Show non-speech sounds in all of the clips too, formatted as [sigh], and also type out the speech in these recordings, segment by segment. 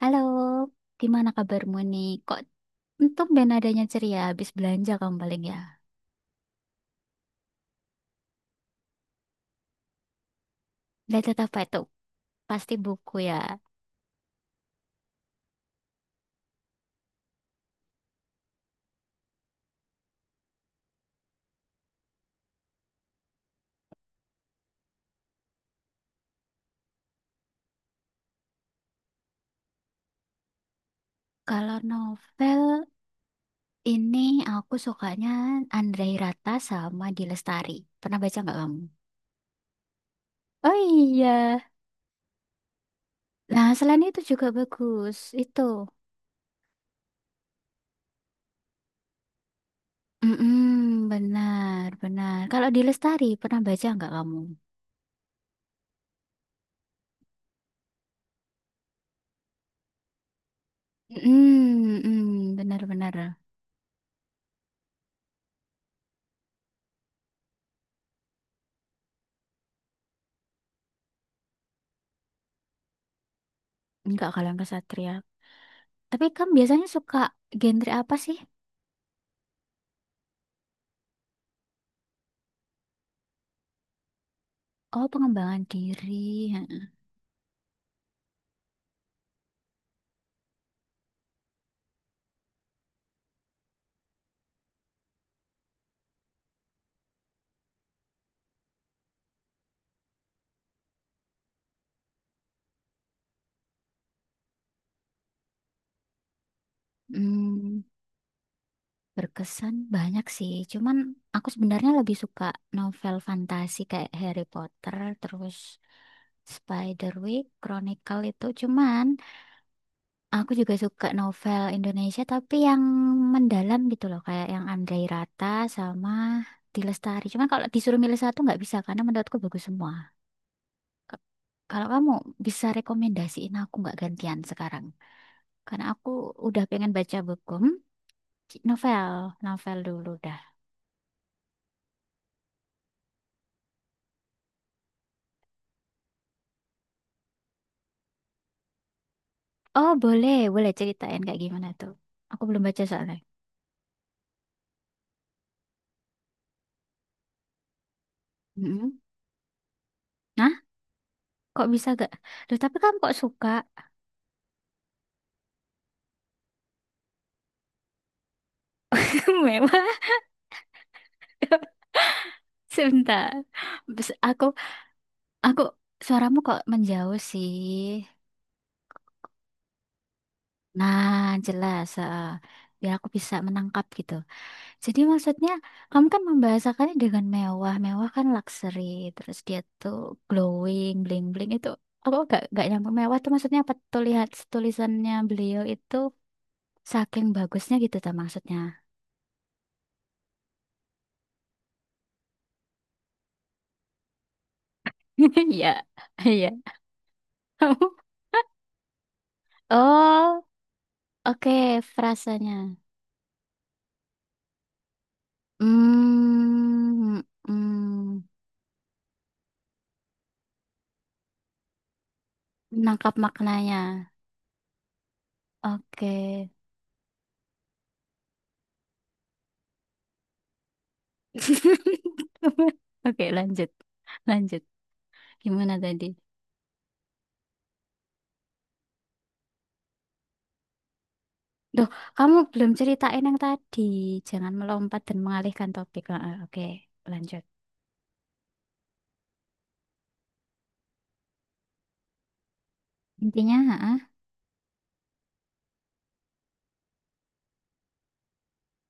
Halo, gimana kabarmu nih? Kok untung ben adanya ceria habis belanja kamu paling ya? Lihat apa itu? Pasti buku ya. Kalau novel ini aku sukanya Andrei Rata sama Di Lestari. Pernah baca nggak kamu? Oh iya. Nah, selain itu juga bagus. Itu. Mm-mm, benar, benar. Kalau Di Lestari pernah baca nggak kamu? Mm-mm, benar, benar. Nggak kalau yang kesatria. Tapi kamu biasanya suka genre apa sih? Oh, pengembangan diri. Heeh. Hmm, Berkesan banyak sih. Cuman aku sebenarnya lebih suka novel fantasi kayak Harry Potter, terus Spiderwick, Chronicle itu. Cuman aku juga suka novel Indonesia tapi yang mendalam gitu loh, kayak yang Andrei Rata sama Di Cuman kalau disuruh milih satu nggak bisa karena menurutku bagus semua. K- Kalau kamu bisa rekomendasiin aku nggak gantian sekarang? Karena aku udah pengen baca buku. Novel, novel dulu dah. Oh, boleh, boleh ceritain kayak gimana tuh. Aku belum baca soalnya. Mm-mm. Nah, kok bisa gak? Duh, tapi kamu kok suka? [laughs] Mewah. Sebentar. Bes- Aku, aku, suaramu kok menjauh sih. Nah, jelas. Biar aku bisa menangkap gitu. Jadi maksudnya kamu kan membahasakannya dengan mewah. Mewah kan luxury. Terus dia tuh glowing, bling-bling itu. Aku gak nyampe mewah tuh maksudnya apa tuh lihat tulisannya beliau itu saking bagusnya gitu tuh maksudnya. [laughs] Iya, iya. [laughs] Oh, oke frasanya. Hmm, hmm, Menangkap maknanya. Oke. [laughs] Oke, lanjut. Lanjut. Gimana tadi? Duh, kamu belum ceritain yang tadi. Jangan melompat dan mengalihkan topik. Heeh, oke, lanjut. Intinya, heeh.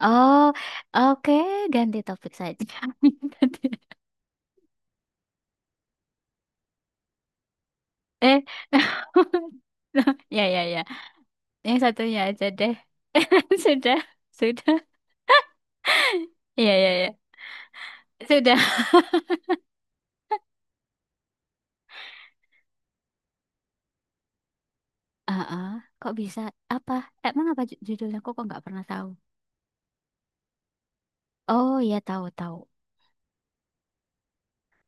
Oh, oke, ganti topik saja. [laughs] Ganti- Eh, [laughs] ya, ya, ya. Yang satunya aja deh. [laughs] Sudah, sudah. Ya, ya, ya. Sudah. Heeh, kok bisa? Apa? Emang apa judulnya? Kok kok nggak pernah tahu? Oh, iya tahu, tahu.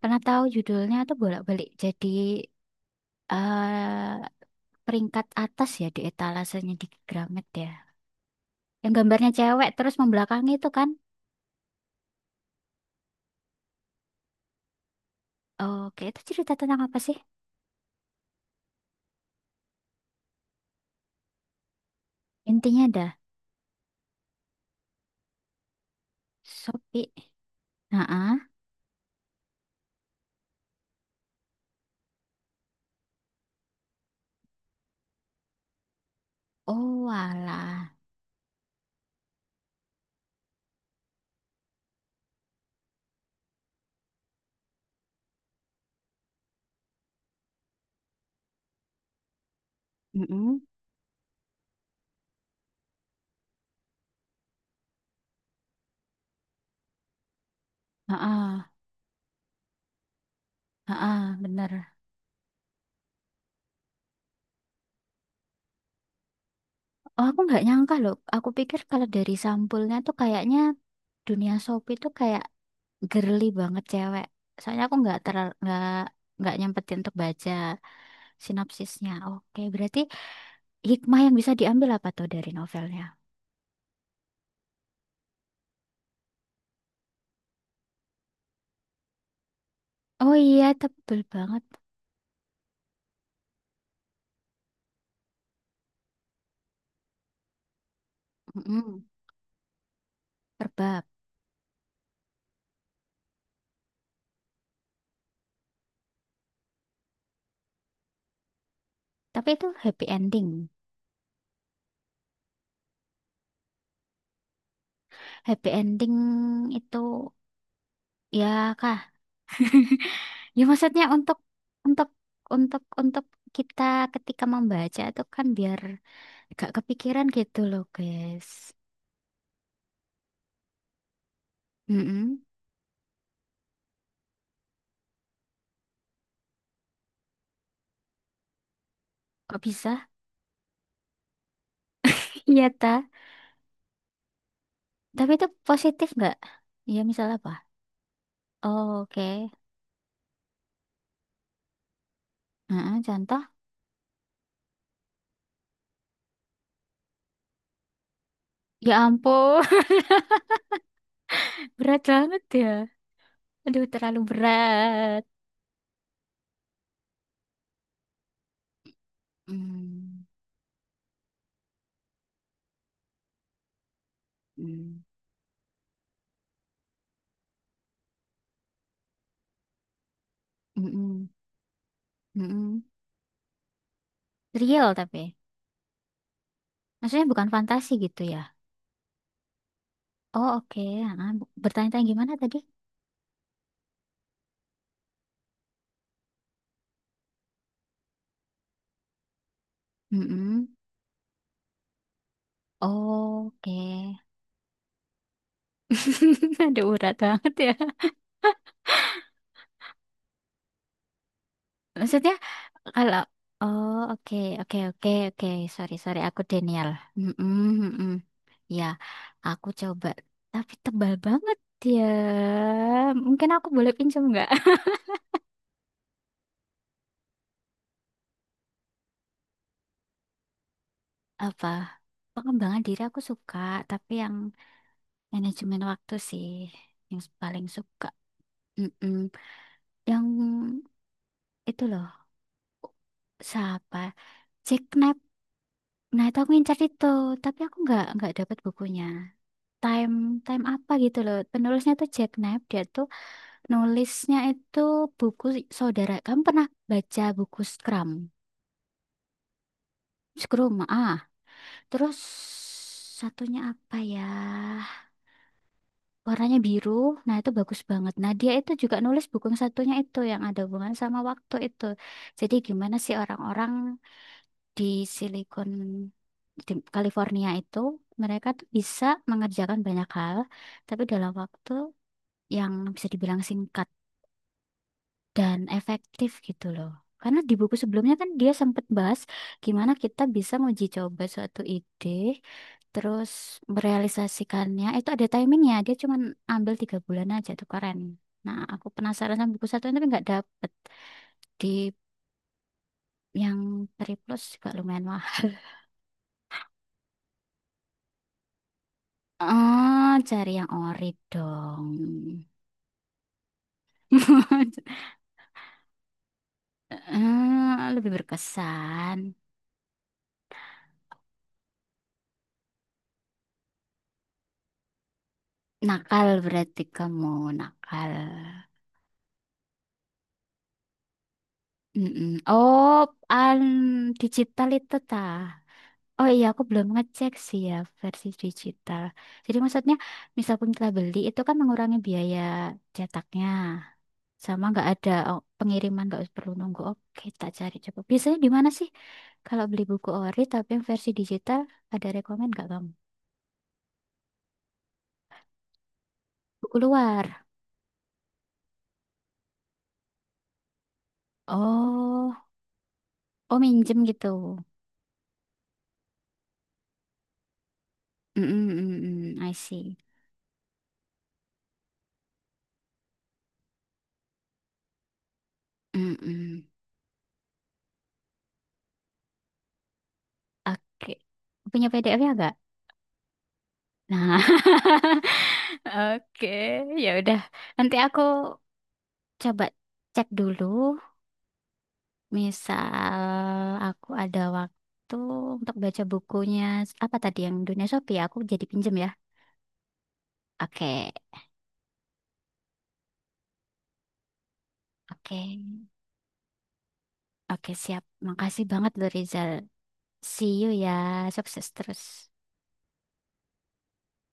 Pernah tahu judulnya tuh bolak-balik. Jadi, eh peringkat atas ya di etalasenya di Gramet ya. Yang gambarnya cewek terus membelakangi itu kan. Oke, itu cerita tentang apa sih? Intinya dah. Sopi. Heeh. Oh, alah. Mm-mm. Heeh. Heeh, bener. Oh, aku nggak nyangka loh. Aku pikir kalau dari sampulnya tuh kayaknya dunia Sopi tuh kayak girly banget cewek. Soalnya aku nggak ter nggak nggak nyempetin untuk baca sinopsisnya. Oke, berarti hikmah yang bisa diambil apa tuh dari novelnya? Oh iya, tebel banget. Mm-mm, per bab. Tapi itu happy ending. Happy ending itu ya kah? Ya maksudnya untuk untuk kita ketika membaca itu kan biar gak kepikiran gitu loh, guys. Mm-mm. Kok bisa? Iya ta. Tapi itu positif nggak? Ya misalnya apa? Oh, oke. Heeh, contoh? Ya ampun, [laughs] berat banget ya. Aduh, terlalu berat. Hmm. hmm. Mm-mm, mm-mm. Real tapi, maksudnya bukan fantasi gitu ya? Oh oke, ah, bertanya-tanya gimana tadi? Mm-mm. Oh, oke. [laughs] Ada urat banget ya. Maksudnya kalau oh oke oke oke oke sorry, sorry aku Daniel. Mm-mm, mm-mm. Ya aku coba tapi tebal banget ya. Mungkin aku boleh pinjam nggak? [laughs] Apa pengembangan diri aku suka tapi yang manajemen waktu sih yang paling suka. Mm-mm. Yang itu loh siapa? Jack Knapp. Nah itu aku ngincar itu, tapi aku nggak dapat bukunya. Time time apa gitu loh. Penulisnya tuh Jack Knapp. Dia tuh nulisnya itu buku saudara. Kamu pernah baca buku Scrum? Scrum ah. Terus satunya apa ya? Warnanya biru. Nah, itu bagus banget. Nah, dia itu juga nulis buku yang satunya itu yang ada hubungan sama waktu itu. Jadi gimana sih orang-orang di Silicon di California itu mereka tuh bisa mengerjakan banyak hal tapi dalam waktu yang bisa dibilang singkat dan efektif gitu loh. Karena di buku sebelumnya kan dia sempat bahas gimana kita bisa uji coba suatu ide, terus merealisasikannya. Itu ada timingnya, dia cuma ambil 3 bulan aja tuh keren. Nah, aku penasaran sama buku satu tapi nggak dapet. Di yang Peri Plus juga lumayan mahal. Oh, cari yang ori dong. [laughs] Eh, lebih berkesan. Nakal berarti kamu nakal. Mm-mm. Oh, an digital itu ta. Oh iya, aku belum ngecek sih ya versi digital. Jadi maksudnya, misalkan kita beli itu kan mengurangi biaya cetaknya, sama nggak ada oh, pengiriman nggak perlu nunggu. Oke, tak cari coba. Biasanya di mana sih kalau beli buku ori tapi yang versi digital ada rekomen nggak kamu? Buku luar. Oh, oh minjem gitu. Mm-mm, mm-mm, I see. Mm-mm. Oke, punya PDF-nya nggak? Nah, oke, ya udah. Nanti aku coba cek dulu. Misal aku ada waktu untuk baca bukunya apa tadi yang Dunia Sopi ya? Aku jadi pinjem ya. Oke, oke. Oke, siap. Makasih banget loh Rizal. See you ya. Sukses terus.